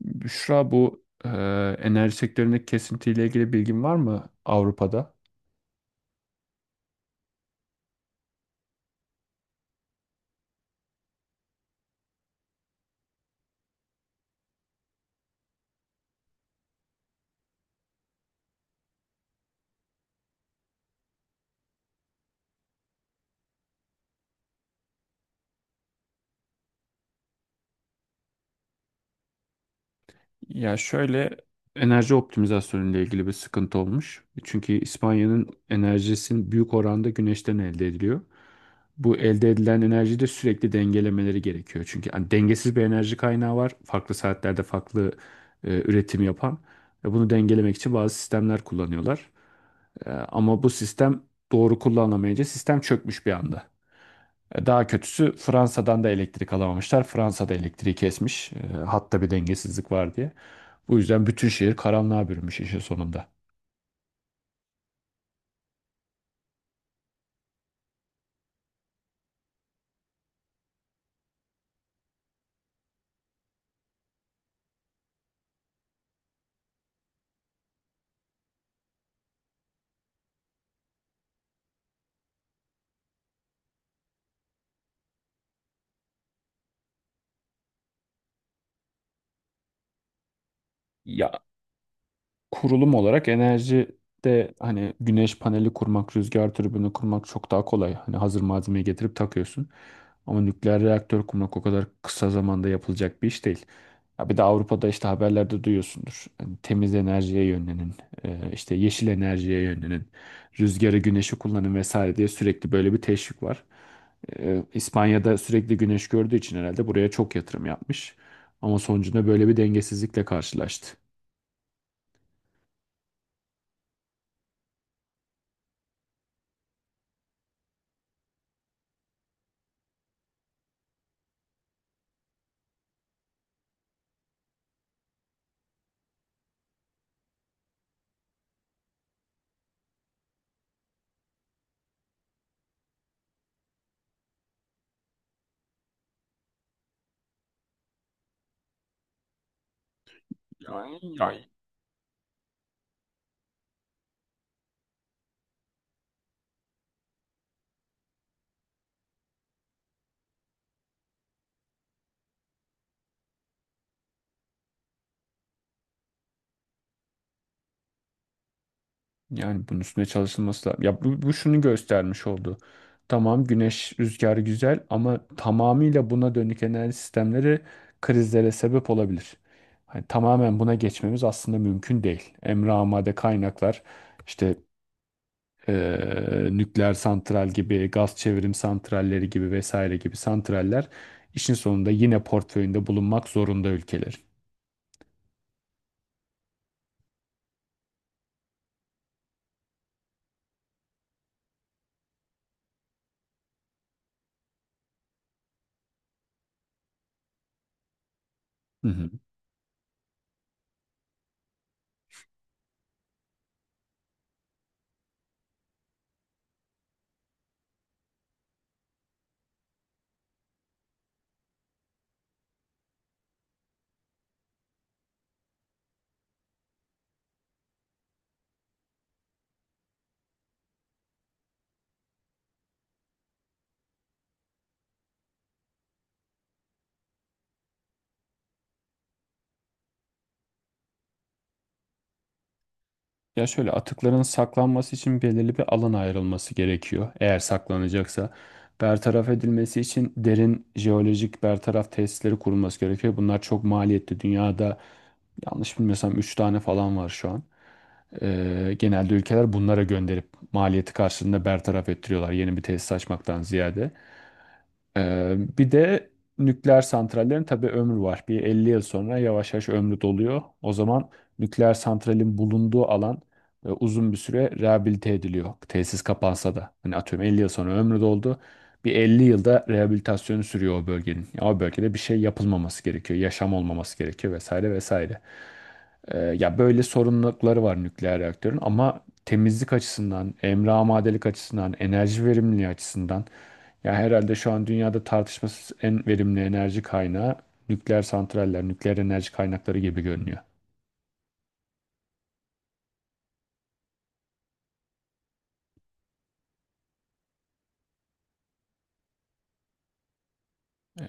Büşra, bu enerji sektöründeki kesintiyle ilgili bilgin var mı Avrupa'da? Ya şöyle, enerji optimizasyonu ile ilgili bir sıkıntı olmuş. Çünkü İspanya'nın enerjisinin büyük oranda güneşten elde ediliyor. Bu elde edilen enerjiyi de sürekli dengelemeleri gerekiyor. Çünkü hani dengesiz bir enerji kaynağı var. Farklı saatlerde farklı üretim yapan. Ve bunu dengelemek için bazı sistemler kullanıyorlar. Ama bu sistem doğru kullanılamayınca sistem çökmüş bir anda. Daha kötüsü Fransa'dan da elektrik alamamışlar. Fransa da elektriği kesmiş. Hatta bir dengesizlik var diye. Bu yüzden bütün şehir karanlığa bürünmüş işin sonunda. Ya, kurulum olarak enerjide hani güneş paneli kurmak, rüzgar türbini kurmak çok daha kolay. Hani hazır malzemeyi getirip takıyorsun. Ama nükleer reaktör kurmak o kadar kısa zamanda yapılacak bir iş değil. Ya bir de Avrupa'da işte haberlerde duyuyorsundur. Hani temiz enerjiye yönlenin, işte yeşil enerjiye yönlenin, rüzgarı, güneşi kullanın vesaire diye sürekli böyle bir teşvik var. İspanya'da sürekli güneş gördüğü için herhalde buraya çok yatırım yapmış. Ama sonucunda böyle bir dengesizlikle karşılaştı. Yani bunun üstüne çalışılması lazım. Ya bu şunu göstermiş oldu. Tamam, güneş rüzgarı güzel ama tamamıyla buna dönük enerji sistemleri krizlere sebep olabilir. Hani tamamen buna geçmemiz aslında mümkün değil. Emre amade kaynaklar, işte nükleer santral gibi, gaz çevrim santralleri gibi vesaire gibi santraller işin sonunda yine portföyünde bulunmak zorunda ülkeler. Ya şöyle, atıkların saklanması için belirli bir alan ayrılması gerekiyor. Eğer saklanacaksa bertaraf edilmesi için derin jeolojik bertaraf tesisleri kurulması gerekiyor. Bunlar çok maliyetli. Dünyada yanlış bilmiyorsam 3 tane falan var şu an. Genelde ülkeler bunlara gönderip maliyeti karşılığında bertaraf ettiriyorlar yeni bir tesis açmaktan ziyade. Bir de nükleer santrallerin tabii ömrü var. Bir 50 yıl sonra yavaş yavaş ömrü doluyor. O zaman nükleer santralin bulunduğu alan uzun bir süre rehabilite ediliyor. Tesis kapansa da. Hani atıyorum, 50 yıl sonra ömrü doldu. Bir 50 yılda rehabilitasyonu sürüyor o bölgenin. Ya o bölgede bir şey yapılmaması gerekiyor. Yaşam olmaması gerekiyor vesaire vesaire. Ya böyle sorumlulukları var nükleer reaktörün ama temizlik açısından, emre amadelik açısından, enerji verimliliği açısından ya herhalde şu an dünyada tartışmasız en verimli enerji kaynağı nükleer santraller, nükleer enerji kaynakları gibi görünüyor.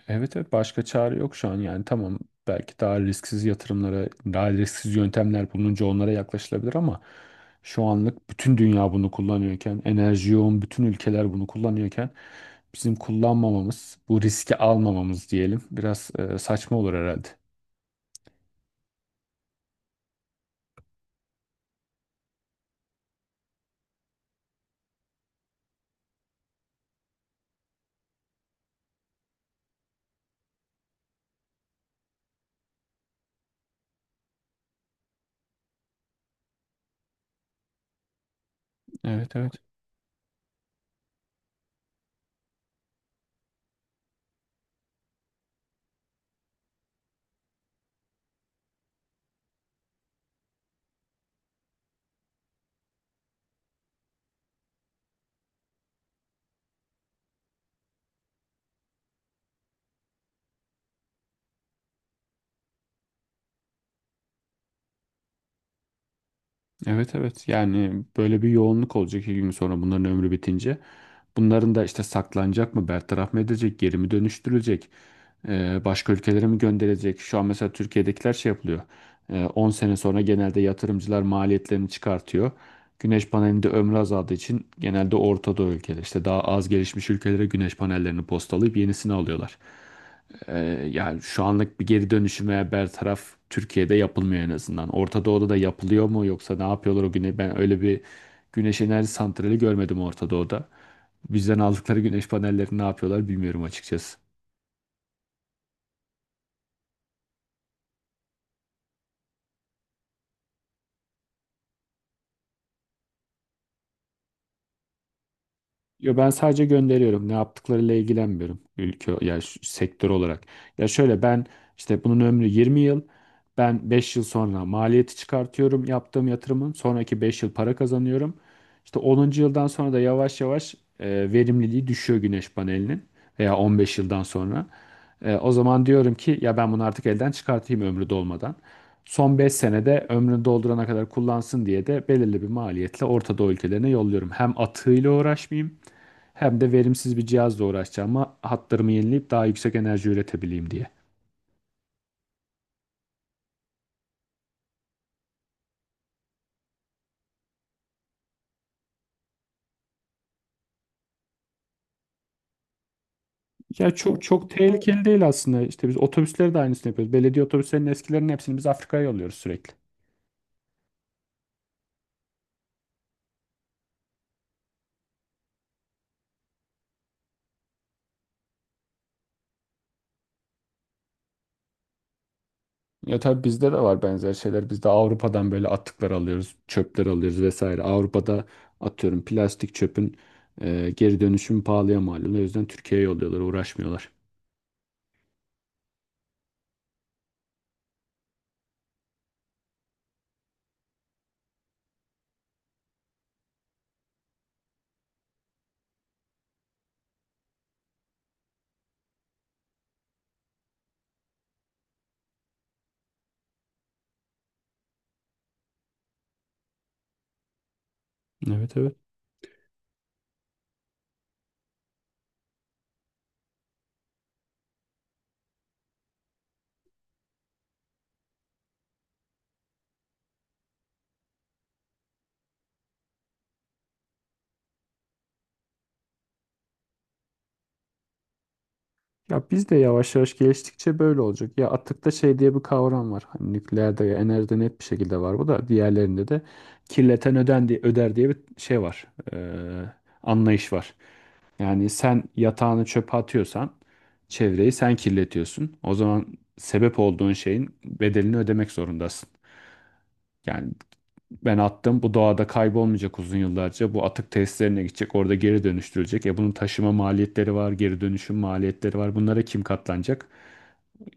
Evet, evet, başka çare yok şu an. Yani tamam, belki daha risksiz yatırımlara, daha risksiz yöntemler bulununca onlara yaklaşılabilir ama şu anlık bütün dünya bunu kullanıyorken, enerji yoğun bütün ülkeler bunu kullanıyorken bizim kullanmamamız, bu riski almamamız, diyelim biraz saçma olur herhalde. Evet, evet. Evet, evet, yani böyle bir yoğunluk olacak 2 gün sonra bunların ömrü bitince. Bunların da işte saklanacak mı, bertaraf mı edecek, geri mi dönüştürülecek, başka ülkelere mi gönderilecek? Şu an mesela Türkiye'dekiler şey yapılıyor. 10 sene sonra genelde yatırımcılar maliyetlerini çıkartıyor. Güneş panelinde ömrü azaldığı için genelde Orta Doğu ülkeleri, işte daha az gelişmiş ülkelere güneş panellerini postalayıp yenisini alıyorlar. Yani şu anlık bir geri dönüşüm veya bertaraf Türkiye'de yapılmıyor en azından. Orta Doğu'da da yapılıyor mu yoksa ne yapıyorlar o güne? Ben öyle bir güneş enerji santrali görmedim Orta Doğu'da. Bizden aldıkları güneş panellerini ne yapıyorlar bilmiyorum açıkçası. Yo, ben sadece gönderiyorum. Ne yaptıklarıyla ilgilenmiyorum, ülke ya sektör olarak. Ya şöyle, ben işte bunun ömrü 20 yıl. Ben 5 yıl sonra maliyeti çıkartıyorum yaptığım yatırımın. Sonraki 5 yıl para kazanıyorum. İşte 10. yıldan sonra da yavaş yavaş verimliliği düşüyor güneş panelinin, veya 15 yıldan sonra. O zaman diyorum ki ya ben bunu artık elden çıkartayım ömrü dolmadan. Son 5 senede ömrünü doldurana kadar kullansın diye de belirli bir maliyetle Orta Doğu ülkelerine yolluyorum. Hem atığıyla uğraşmayayım hem de verimsiz bir cihazla uğraşacağıma hatlarımı yenileyip daha yüksek enerji üretebileyim diye. Ya çok çok tehlikeli değil aslında. İşte biz otobüsleri de aynısını yapıyoruz. Belediye otobüslerinin eskilerinin hepsini biz Afrika'ya yolluyoruz sürekli. Ya tabii bizde de var benzer şeyler. Biz de Avrupa'dan böyle atıklar alıyoruz, çöpler alıyoruz vesaire. Avrupa'da atıyorum plastik çöpün geri dönüşümü pahalıya mal oluyor. O yüzden Türkiye'ye yolluyorlar, uğraşmıyorlar. Evet, evet. Ya biz de yavaş yavaş geliştikçe böyle olacak. Ya atıkta şey diye bir kavram var. Hani nükleerde, enerjide net bir şekilde var bu da. Diğerlerinde de kirleten öden diye, öder diye bir şey var. Ee, anlayış var. Yani sen yatağını çöpe atıyorsan çevreyi sen kirletiyorsun. O zaman sebep olduğun şeyin bedelini ödemek zorundasın. Yani ben attım. Bu doğada kaybolmayacak uzun yıllarca. Bu atık tesislerine gidecek. Orada geri dönüştürülecek. Bunun taşıma maliyetleri var. Geri dönüşüm maliyetleri var. Bunlara kim katlanacak?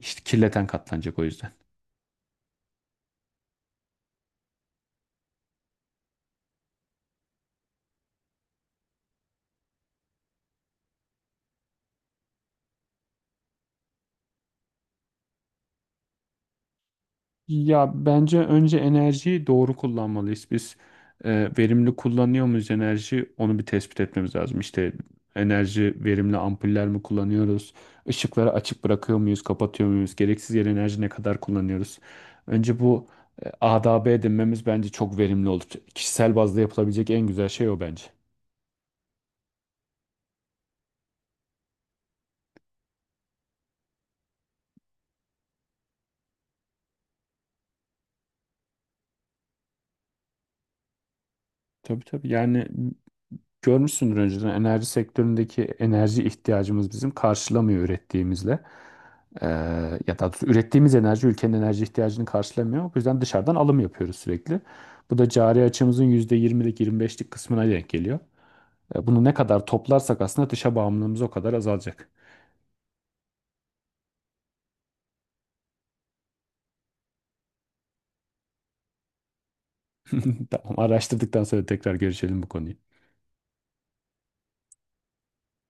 İşte kirleten katlanacak o yüzden. Ya bence önce enerjiyi doğru kullanmalıyız. Biz e, verimli kullanıyor muyuz enerji? Onu bir tespit etmemiz lazım. İşte enerji verimli ampuller mi kullanıyoruz? Işıkları açık bırakıyor muyuz, kapatıyor muyuz? Gereksiz yere enerji ne kadar kullanıyoruz? Önce bu adabı edinmemiz bence çok verimli olur. Kişisel bazda yapılabilecek en güzel şey o bence. Tabii, tabii. Yani görmüşsündür, önceden enerji sektöründeki enerji ihtiyacımız bizim karşılamıyor ürettiğimizle. Ee, ya daha doğrusu ürettiğimiz enerji ülkenin enerji ihtiyacını karşılamıyor. Bu yüzden dışarıdan alım yapıyoruz sürekli. Bu da cari açımızın %20'lik %25'lik kısmına denk geliyor. Bunu ne kadar toplarsak aslında dışa bağımlılığımız o kadar azalacak. Tamam, araştırdıktan sonra tekrar görüşelim bu konuyu.